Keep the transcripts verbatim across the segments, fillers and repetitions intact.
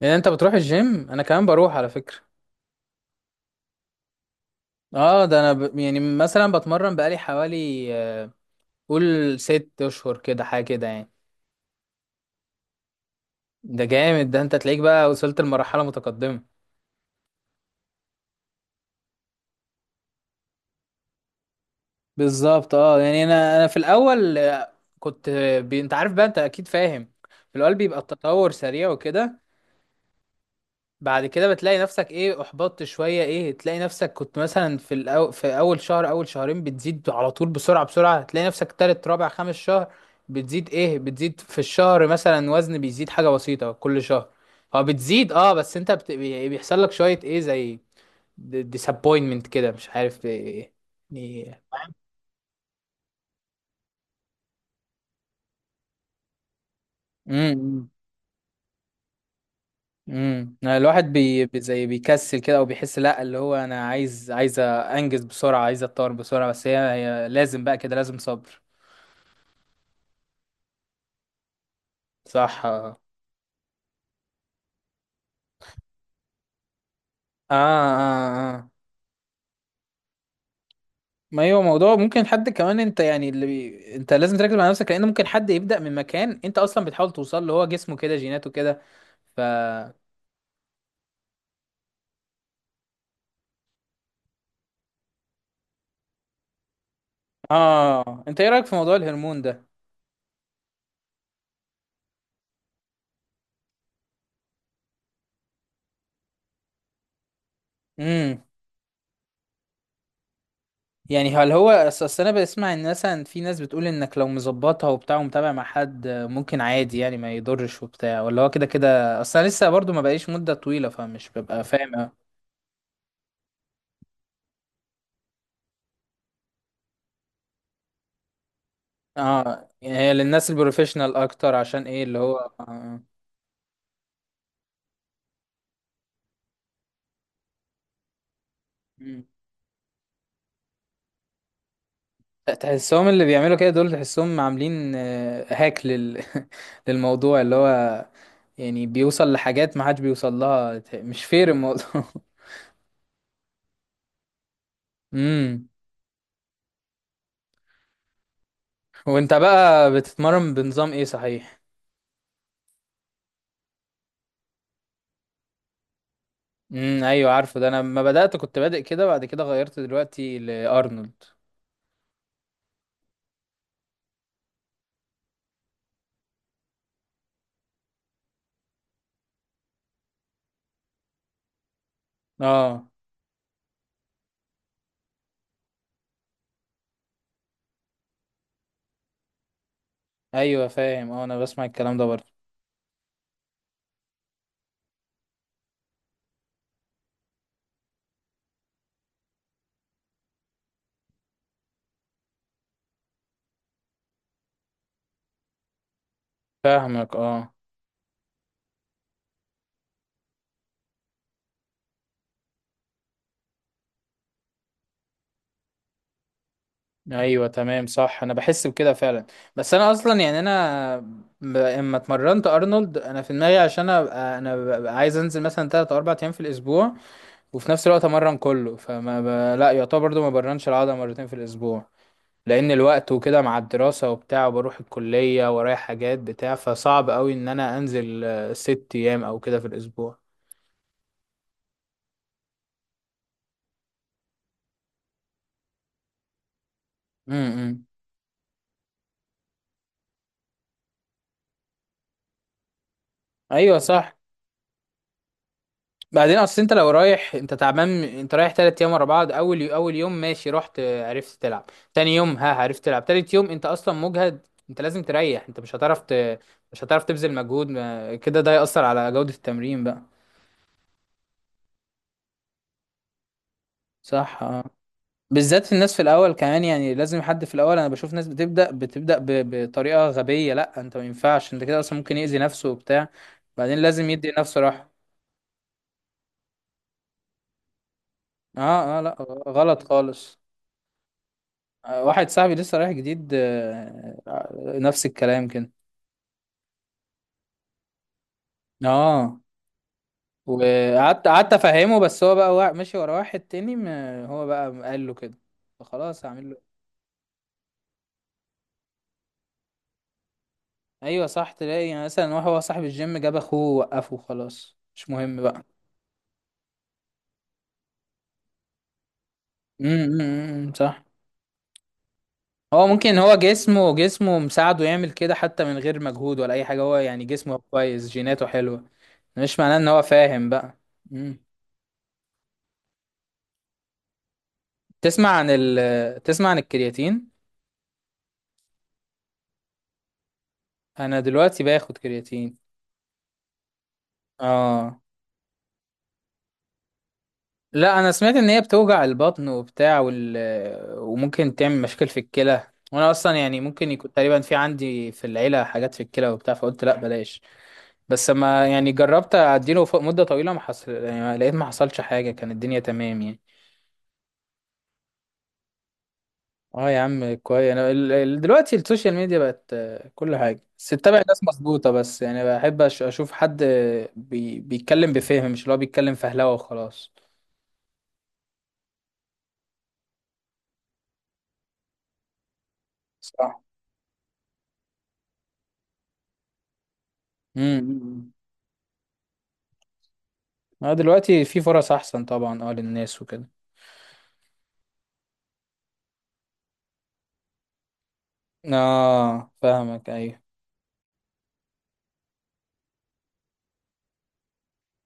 يعني انت بتروح الجيم انا كمان بروح على فكرة. اه ده انا ب... يعني مثلا بتمرن بقالي حوالي آه، قول ست اشهر كده حاجة كده يعني. ده جامد ده انت تلاقيك بقى وصلت لمرحلة متقدمة. بالظبط اه يعني انا انا في الاول آه، كنت آه، بي... انت عارف بقى انت اكيد فاهم. في الاول بيبقى التطور سريع وكده. بعد كده بتلاقي نفسك ايه احبطت شوية ايه تلاقي نفسك كنت مثلا في الأو... في اول شهر اول شهرين بتزيد على طول بسرعة بسرعة تلاقي نفسك تالت رابع خامس شهر بتزيد ايه بتزيد في الشهر مثلا وزن بيزيد حاجة بسيطة كل شهر. هو بتزيد اه بس انت بت... بي- بيحصل لك شوية ايه زي ديسابوينتمنت كده مش عارف ايه يعني. امم الواحد بي بي- زي بيكسل كده او بيحس لا اللي هو انا عايز عايز انجز بسرعه عايز اتطور بسرعه بس هي, هي لازم بقى كده لازم صبر. صح اه اه. اه آه. ما هو موضوع ممكن حد كمان انت يعني اللي بي... انت لازم تركز مع نفسك لان ممكن حد يبدا من مكان انت اصلا بتحاول توصل له هو جسمه كده جيناته كده ف. اه انت ايه رايك في موضوع الهرمون ده. امم. يعني هل هو اصل أصل انا بسمع ان مثلا في ناس بتقول انك لو مظبطها وبتاع ومتابع مع حد ممكن عادي يعني ما يضرش وبتاع ولا هو كده كده اصل انا لسه برضو ما بقيش مدة طويلة فمش ببقى فاهم أوي. اه يعني هي للناس البروفيشنال اكتر عشان ايه اللي هو آه. مم. تحسهم اللي بيعملوا كده دول تحسهم عاملين آه، هاك لل... للموضوع اللي هو يعني بيوصل لحاجات ما حدش بيوصل لها مش فير الموضوع امم. وانت بقى بتتمرن بنظام ايه صحيح. امم، ايوه عارفه ده انا لما بدأت كنت بادئ كده بعد كده غيرت دلوقتي لأرنولد. اه. ايوه فاهم اه انا بسمع الكلام ده برضه. فاهمك اه. ايوه تمام صح انا بحس بكده فعلا. بس انا اصلا يعني انا ب- اما اتمرنت ارنولد انا في دماغي عشان ابقى انا ببقى عايز انزل مثلا تلات او اربعة ايام في الاسبوع وفي نفس الوقت امرن كله فما ب... لا يعتبر برضه ما برنش العضله مرتين في الاسبوع لان الوقت وكده مع الدراسة وبتاع وبروح الكلية ورايا حاجات بتاع فصعب قوي ان انا انزل آه، ست ايام او كده في الاسبوع. امم، ايوه صح. بعدين اصل انت لو رايح انت تعبان انت رايح تلات ايام ورا بعض اول يو... اول يوم ماشي رحت آه، عرفت تلعب تاني يوم ها عرفت تلعب تالت يوم انت اصلا مجهد انت لازم تريح انت مش هتعرف ت... مش هتعرف تبذل مجهود ما- كده ده يأثر على جودة التمرين بقى. صح اه. بالذات في الناس في الاول كمان يعني لازم حد في الاول انا بشوف ناس بتبدا بتبدا ب- بطريقه غبيه لا انت ما ينفعش انت كده اصلا ممكن يأذي نفسه وبتاع بعدين لازم يدي نفسه راحه. اه اه، لا غلط خالص. آه، واحد صاحبي لسه رايح جديد آه، آه، نفس الكلام كده. اه. وقعدت قعدت افهمه بس هو بقى وا- ماشي ورا واحد تاني ما هو بقى قال له كده فخلاص هعمل له إيه؟ ايوه صح تلاقي يعني مثلا واحد هو صاحب الجيم جاب اخوه ووقفه خلاص مش مهم بقى. امم صح. هو ممكن هو جسمه جسمه مساعده يعمل كده حتى من غير مجهود ولا اي حاجه هو يعني جسمه كويس جيناته حلوه. مش معناه ان هو فاهم بقى. مم. تسمع عن ال تسمع عن الكرياتين. انا دلوقتي باخد كرياتين. اه لا انا سمعت ان هي بتوجع البطن وبتاع وال... وممكن تعمل مشاكل في الكلى وانا اصلا يعني ممكن يكون تقريبا في عندي في العيله حاجات في الكلى وبتاع فقلت لا بلاش. بس ما يعني جربت اديله فوق مده طويله ما حصل يعني لقيت ما حصلش حاجه كان الدنيا تمام يعني. اه يا عم كويس انا ال- ال- دلوقتي السوشيال ميديا بقت آه، كل حاجه بس اتبع ناس مظبوطه بس يعني بحب أش- اشوف حد آه، بي بيتكلم بفهم مش اللي هو بيتكلم فهلوه وخلاص. صح. امم. اه دلوقتي في فرص احسن طبعا اه للناس وكده. اه فاهمك ايوه.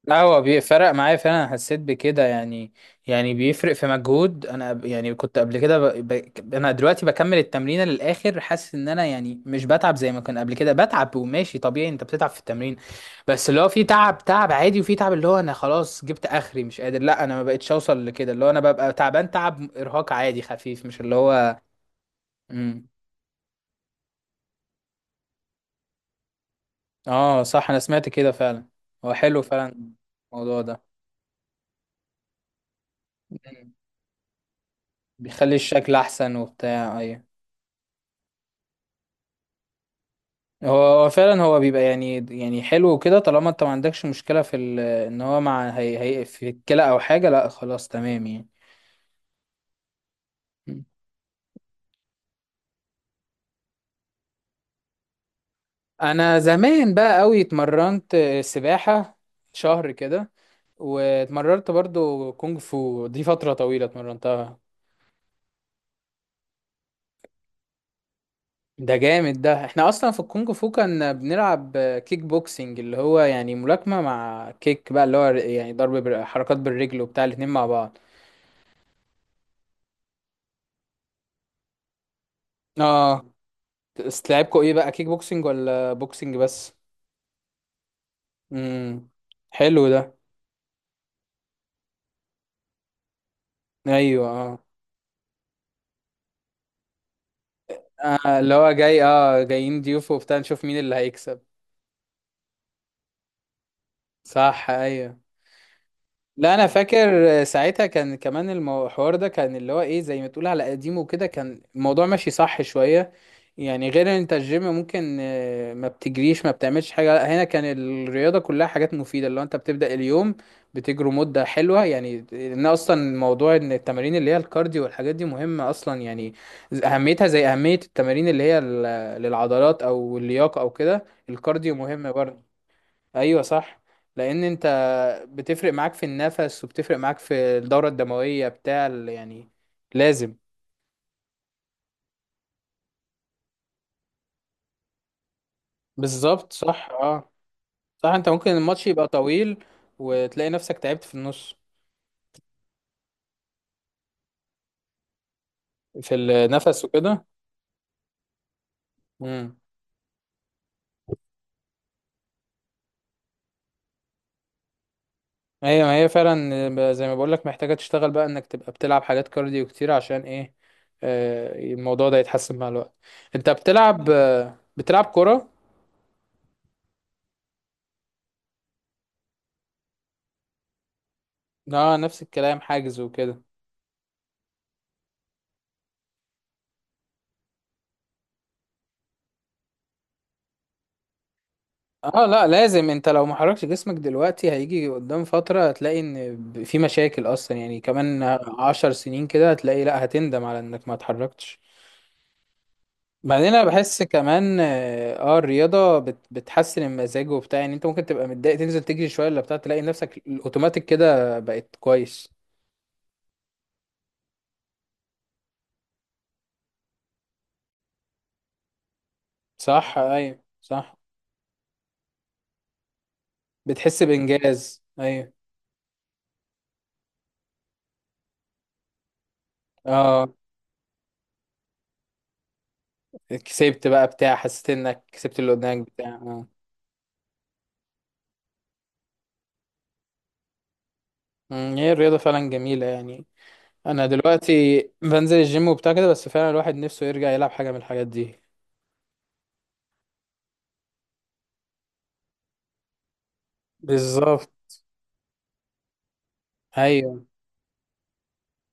لا هو بيفرق معايا فعلا أنا حسيت بكده يعني. يعني بيفرق في مجهود انا ب- يعني كنت قبل كده ب... ب... انا دلوقتي بكمل التمرين للاخر حاسس ان انا يعني مش بتعب زي ما كان قبل كده بتعب وماشي طبيعي انت بتتعب في التمرين. بس اللي هو في تعب تعب عادي وفي تعب اللي هو انا خلاص جبت اخري مش قادر لا انا ما بقتش اوصل لكده اللي هو انا ببقى تعبان تعب ارهاق عادي خفيف مش اللي هو. امم اه صح انا سمعت كده فعلا. هو حلو فعلا الموضوع ده. مم. بيخلي الشكل احسن وبتاع ايوه. هو هو فعلا هو بيبقى يعني يعني حلو وكده طالما انت ما عندكش مشكلة في ال- ان هو مع هي هي في الكلى او حاجة لا خلاص تمام يعني. م. انا زمان بقى قوي اتمرنت سباحة شهر كده واتمرنت برضو كونج فو دي فترة طويلة اتمرنتها. ده جامد ده احنا اصلا في الكونج فو كنا بنلعب كيك بوكسينج اللي هو يعني ملاكمة مع كيك بقى اللي هو يعني ضرب بال- حركات بالرجل وبتاع الاتنين مع بعض. اه. بس لعبكوا ايه بقى كيك بوكسنج ولا بوكسنج بس. امم، حلو ده. ايوه اه آه، اللي هو جاي اه جايين ضيوف وبتاع نشوف مين اللي هيكسب. صح ايوه. لا انا فاكر ساعتها كان كمان المو- الحوار ده كان اللي هو ايه زي ما تقول على قديمه وكده كان الموضوع ماشي صح شوية. يعني غير ان انت الجيم ممكن آه، ما بتجريش ما بتعملش حاجة لا هنا كان الرياضة كلها حاجات مفيدة اللي هو انت بتبدأ اليوم بتجري مدة حلوة يعني ان اصلا موضوع ان التمارين اللي هي الكارديو والحاجات دي مهمة اصلا يعني. اهميتها زي اهمية التمارين اللي هي ال- للعضلات او اللياقة او كده الكارديو مهم برضه. ايوه صح. لان انت بتفرق معاك في النفس وبتفرق معاك في الدورة الدموية بتاع ال- يعني لازم. بالظبط صح اه صح. انت ممكن الماتش يبقى طويل وتلاقي نفسك تعبت في النص في النفس وكده. امم هي ما هي فعلا زي ما بقول لك محتاجة تشتغل بقى انك تبقى بتلعب حاجات كارديو كتير عشان ايه آه، الموضوع ده يتحسن مع الوقت. انت بتلعب بتلعب كرة. اه نفس الكلام حاجز وكده. اه لا لازم انت لو ما حركتش جسمك دلوقتي هيجي قدام فترة هتلاقي ان ب- في مشاكل اصلا يعني. كمان عشر سنين كده هتلاقي لا هتندم على انك ما اتحركتش. بعدين انا بحس كمان اه آه، الرياضة بت بتحسن المزاج وبتاع يعني انت ممكن تبقى متضايق تنزل تجري شوية ولا بتاع تلاقي نفسك الاوتوماتيك كده بقت كويس. صح ايوه صح. بتحس بانجاز ايوه. اه كسبت بقى بتاع حسيت انك كسبت اللي قدامك بتاع اه. مم، هي الرياضة فعلا جميلة يعني. انا دلوقتي بنزل الجيم وبتاع كده بس فعلا الواحد نفسه يرجع يلعب حاجه من الحاجات دي. بالظبط. ايوه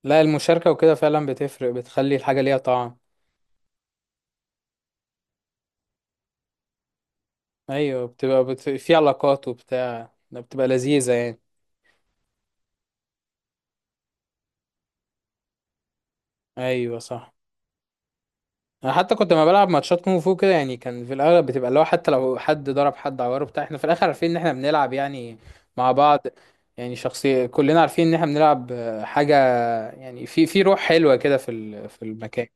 لا المشاركه وكده فعلا بتفرق بتخلي الحاجه ليها طعم. ايوه بتبقى بت... في علاقات وبتاع بتبقى لذيذه يعني. ايوه صح. انا حتى كنت لما بلعب ماتشات كونغ فو كده يعني كان في الاغلب بتبقى لو حتى لو حد ضرب حد عوره بتاع احنا في الاخر عارفين ان احنا بنلعب يعني مع بعض. يعني شخصيه كلنا عارفين ان احنا بنلعب آه، حاجه يعني في في روح حلوه كده في ال... في المكان.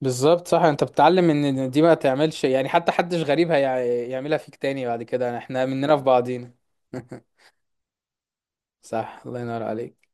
بالظبط صح. انت بتتعلم ان إن دي ما تعملش يعني حتى حدش غريب هيعملها فيك تاني بعد كده احنا مننا في بعضينا صح الله ينور عليك.